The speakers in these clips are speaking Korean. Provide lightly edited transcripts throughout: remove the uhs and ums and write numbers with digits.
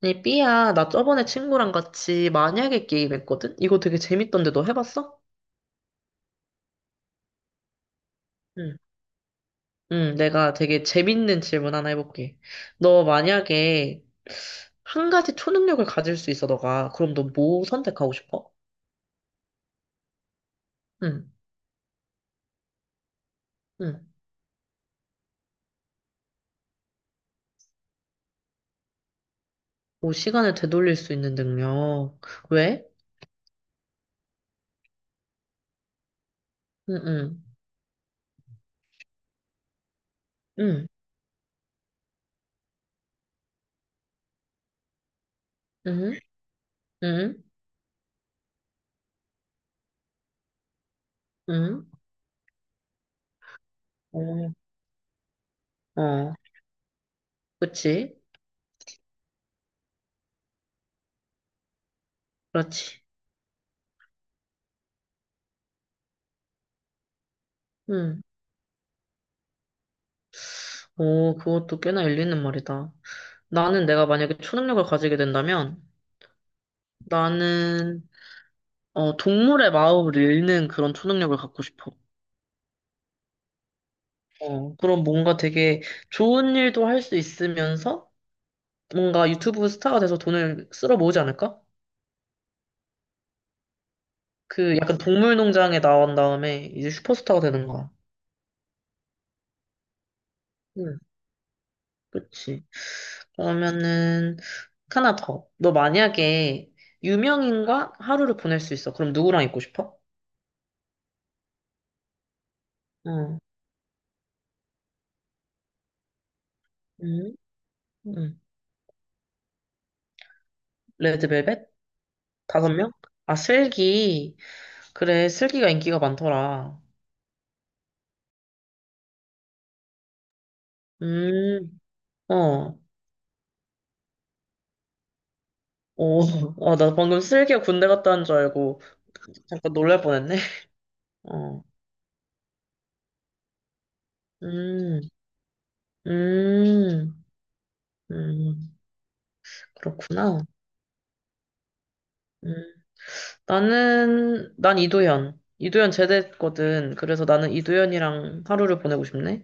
네, 삐야, 나 저번에 친구랑 같이 만약에 게임 했거든? 이거 되게 재밌던데 너 해봤어? 응. 응, 내가 되게 재밌는 질문 하나 해볼게. 너 만약에 한 가지 초능력을 가질 수 있어, 너가. 그럼 너 뭐 선택하고 싶어? 응, 응. 뭐 시간을 되돌릴 수 있는 능력. 왜? 응, 응, 응, 응, 응, 응. 응. 어, 어, 그치? 그렇지. 응. 오, 그것도 꽤나 일리는 말이다. 나는 내가 만약에 초능력을 가지게 된다면 나는 동물의 마음을 읽는 그런 초능력을 갖고 싶어. 어, 그럼 뭔가 되게 좋은 일도 할 수 있으면서 뭔가 유튜브 스타가 돼서 돈을 쓸어 모으지 않을까? 그 약간 동물농장에 나온 다음에 이제 슈퍼스타가 되는 거야. 응, 그치. 그러면은 하나 더. 너 만약에 유명인과 하루를 보낼 수 있어. 그럼 누구랑 있고 싶어? 응, 응, 응. 레드벨벳? 다섯 명? 아, 슬기. 그래, 슬기가 인기가 많더라. 음, 어. 오, 어, 나 방금 슬기가 군대 갔다 온 줄 알고 잠깐 놀랄 뻔했네. 어, 음, 음, 음, 그렇구나. 음, 난 이도현. 이도현 제대했거든. 그래서 나는 이도현이랑 하루를 보내고 싶네.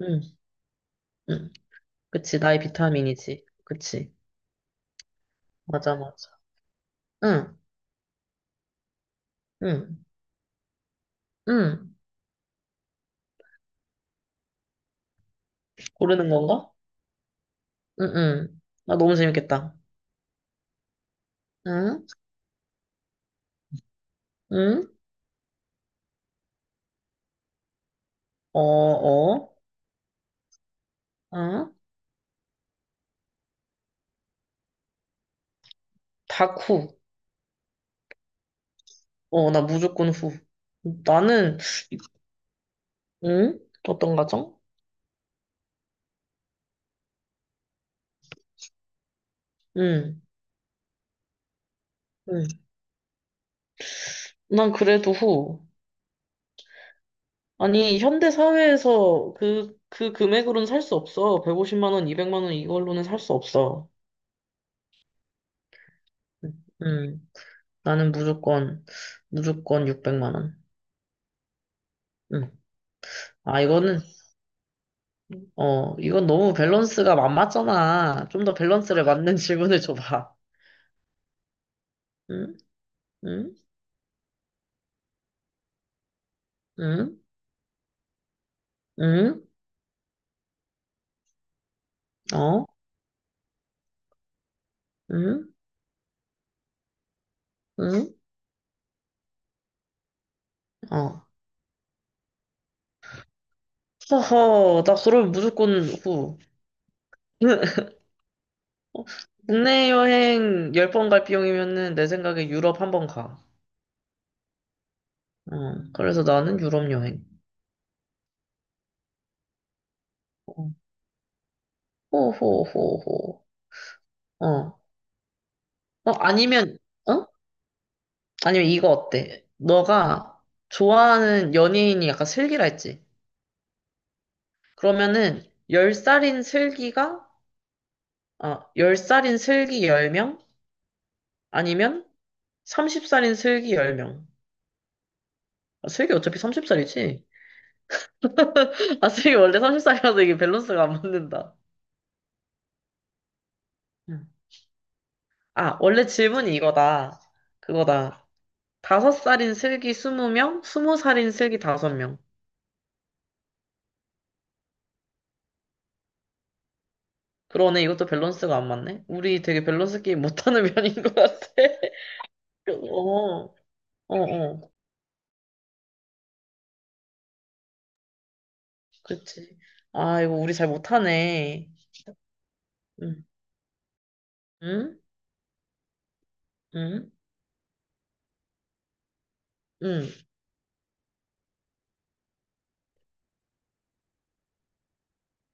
응, 응. 그치, 나의 비타민이지. 그치. 맞아, 맞아. 응, 응, 응. 고르는 건가? 응, 응. 아, 너무 재밌겠다. 응? 응? 어, 어, 응? 다쿠. 어, 나 무조건 후. 나는, 응? 어떤 가정? 응, 응. 난 그래도 후. 아니, 현대 사회에서 그 금액으로는 살 수 없어. 150만 원, 200만 원 이걸로는 살 수 없어. 응, 응. 나는 무조건 600만 원. 응. 아, 이거는, 어, 이건 너무 밸런스가 안 맞잖아. 좀 더 밸런스를 맞는 질문을 줘봐. 응? 응? 응? 응? 어? 응? 응? 어. 허허, 나 그럼 무조건 후. 어, 국내 여행 열 번 갈 비용이면은 내 생각에 유럽 한 번 가. 어, 그래서 나는 유럽 여행. 어, 호호호호. 어. 어, 아니면, 어? 아니면 이거 어때? 너가 좋아하는 연예인이 약간 슬기라 했지? 그러면은 10살인 슬기가, 어, 10살인 슬기 10명? 아니면 30살인 슬기 10명. 아, 슬기 어차피 30살이지? 아, 슬기 원래 30살이라서 이게 밸런스가 안 맞는다. 응. 아, 원래 질문이 이거다. 그거다. 5살인 슬기 20명, 20살인 슬기 5명. 그러네, 이것도 밸런스가 안 맞네. 우리 되게 밸런스 게임 못하는 면인 것 같아. 어, 어, 어. 그치. 아, 이거 우리 잘 못하네. 응, 응, 응, 응.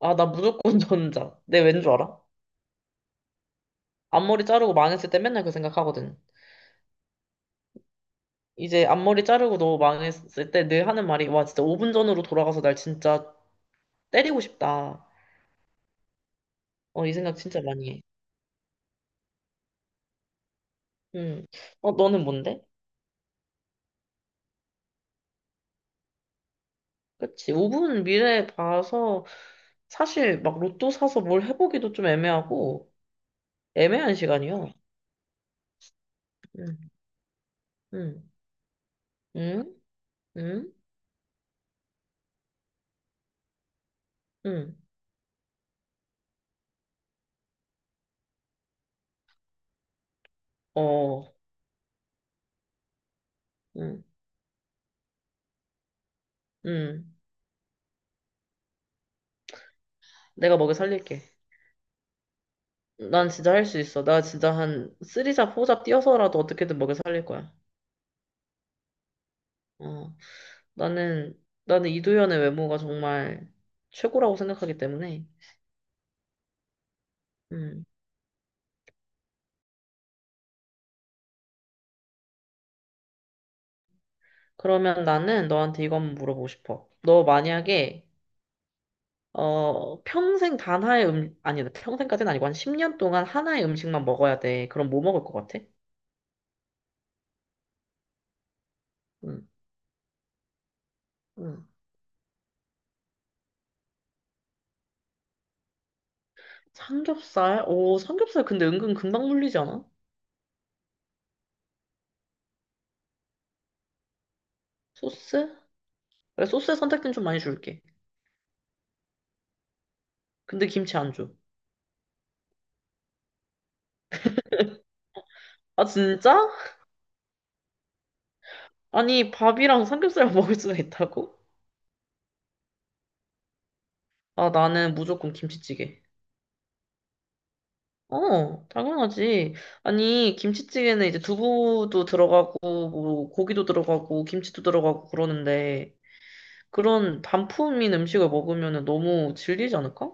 아, 나 무조건 전자. 내 왠 줄 알아? 앞머리 자르고 망했을 때 맨날 그 생각하거든. 이제 앞머리 자르고 너무 망했을 때 늘 하는 말이 와 진짜 5분 전으로 돌아가서 날 진짜 때리고 싶다. 어, 이 생각 진짜 많이 해. 음. 어, 너는 뭔데? 그치. 5분 미래 봐서 사실 막 로또 사서 뭘 해보기도 좀 애매하고 애매한 시간이요. 음. 음. 음. 음. 음. 어. 음. 음. 내가 먹여 살릴게. 난 진짜 할 수 있어. 나 진짜 한 쓰리잡 포잡 뛰어서라도 어떻게든 먹여 살릴 거야. 어. 나는, 나는 이도현의 외모가 정말 최고라고 생각하기 때문에. 음. 그러면 나는 너한테 이거 한번 물어보고 싶어. 너 만약에, 어, 평생 단 하나의 아니, 평생까지는 아니고 한 10년 동안 하나의 음식만 먹어야 돼. 그럼 뭐 먹을 것 같아? 음. 음. 삼겹살? 오, 삼겹살 근데 은근 금방 물리지 않아? 소스? 그래, 소스의 선택지는 좀 많이 줄게. 근데 김치 안 줘. 아, 진짜? 아니, 밥이랑 삼겹살 먹을 수가 있다고? 아, 나는 무조건 김치찌개. 어, 당연하지. 아니, 김치찌개는 이제 두부도 들어가고, 뭐, 고기도 들어가고, 김치도 들어가고 그러는데, 그런 단품인 음식을 먹으면 너무 질리지 않을까?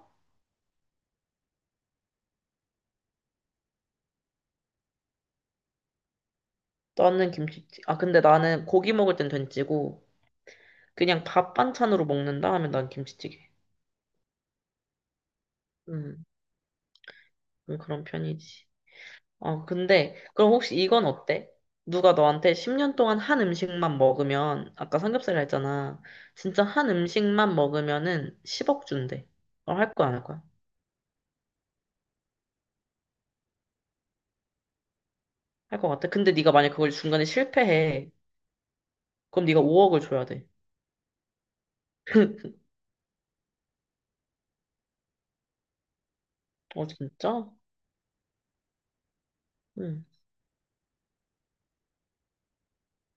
나는 김치찌개. 아, 근데 나는 고기 먹을 땐 된찌고, 그냥 밥 반찬으로 먹는다 하면 난 김치찌개. 음, 그런 편이지. 어, 근데, 그럼 혹시 이건 어때? 누가 너한테 10년 동안 한 음식만 먹으면, 아까 삼겹살 했잖아. 진짜 한 음식만 먹으면은 10억 준대. 그럼 할 거야, 안 할 거야? 할 거 같아. 근데 네가 만약 그걸 중간에 실패해. 그럼 네가 5억을 줘야 돼. 어, 진짜? 응.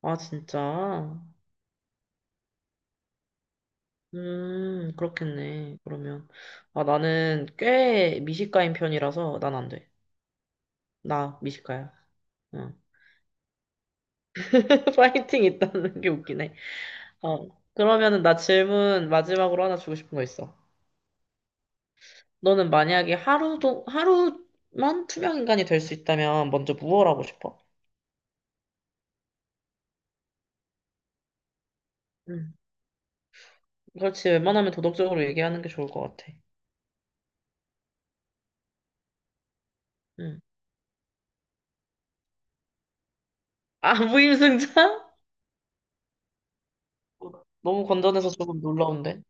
아, 진짜? 그렇겠네. 그러면. 아, 나는 꽤 미식가인 편이라서 난 안 돼. 나 미식가야. 응. 파이팅 있다는 게 웃기네. 어. 그러면은 나 질문 마지막으로 하나 주고 싶은 거 있어. 너는 만약에 하루도, 하루만 투명 인간이 될 수 있다면 먼저 무얼 하고 싶어? 응. 그렇지. 웬만하면 도덕적으로 얘기하는 게 좋을 것 같아. 응. 아, 무임승차? 어, 너무 건전해서 조금 놀라운데.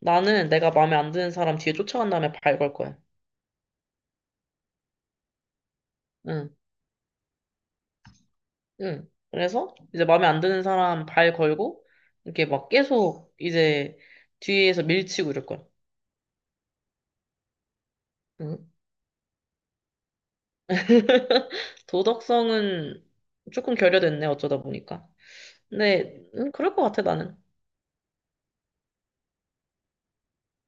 나는 내가 마음에 안 드는 사람 뒤에 쫓아간 다음에 발 걸 거야. 응. 응. 그래서 이제 마음에 안 드는 사람 발 걸고 이렇게 막 계속 이제 뒤에서 밀치고 이럴 거야. 응. 도덕성은 조금 결여됐네, 어쩌다 보니까. 근데, 그럴 것 같아, 나는.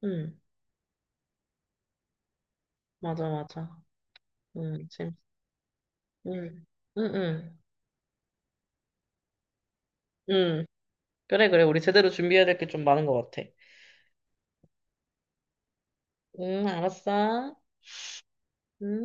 음, 맞아, 맞아. 재밌, 음, 음, 음. 음. 그래, 그래. 우리 제대로 준비해야 될 게 좀 많은 것 같아. 알았어. 음.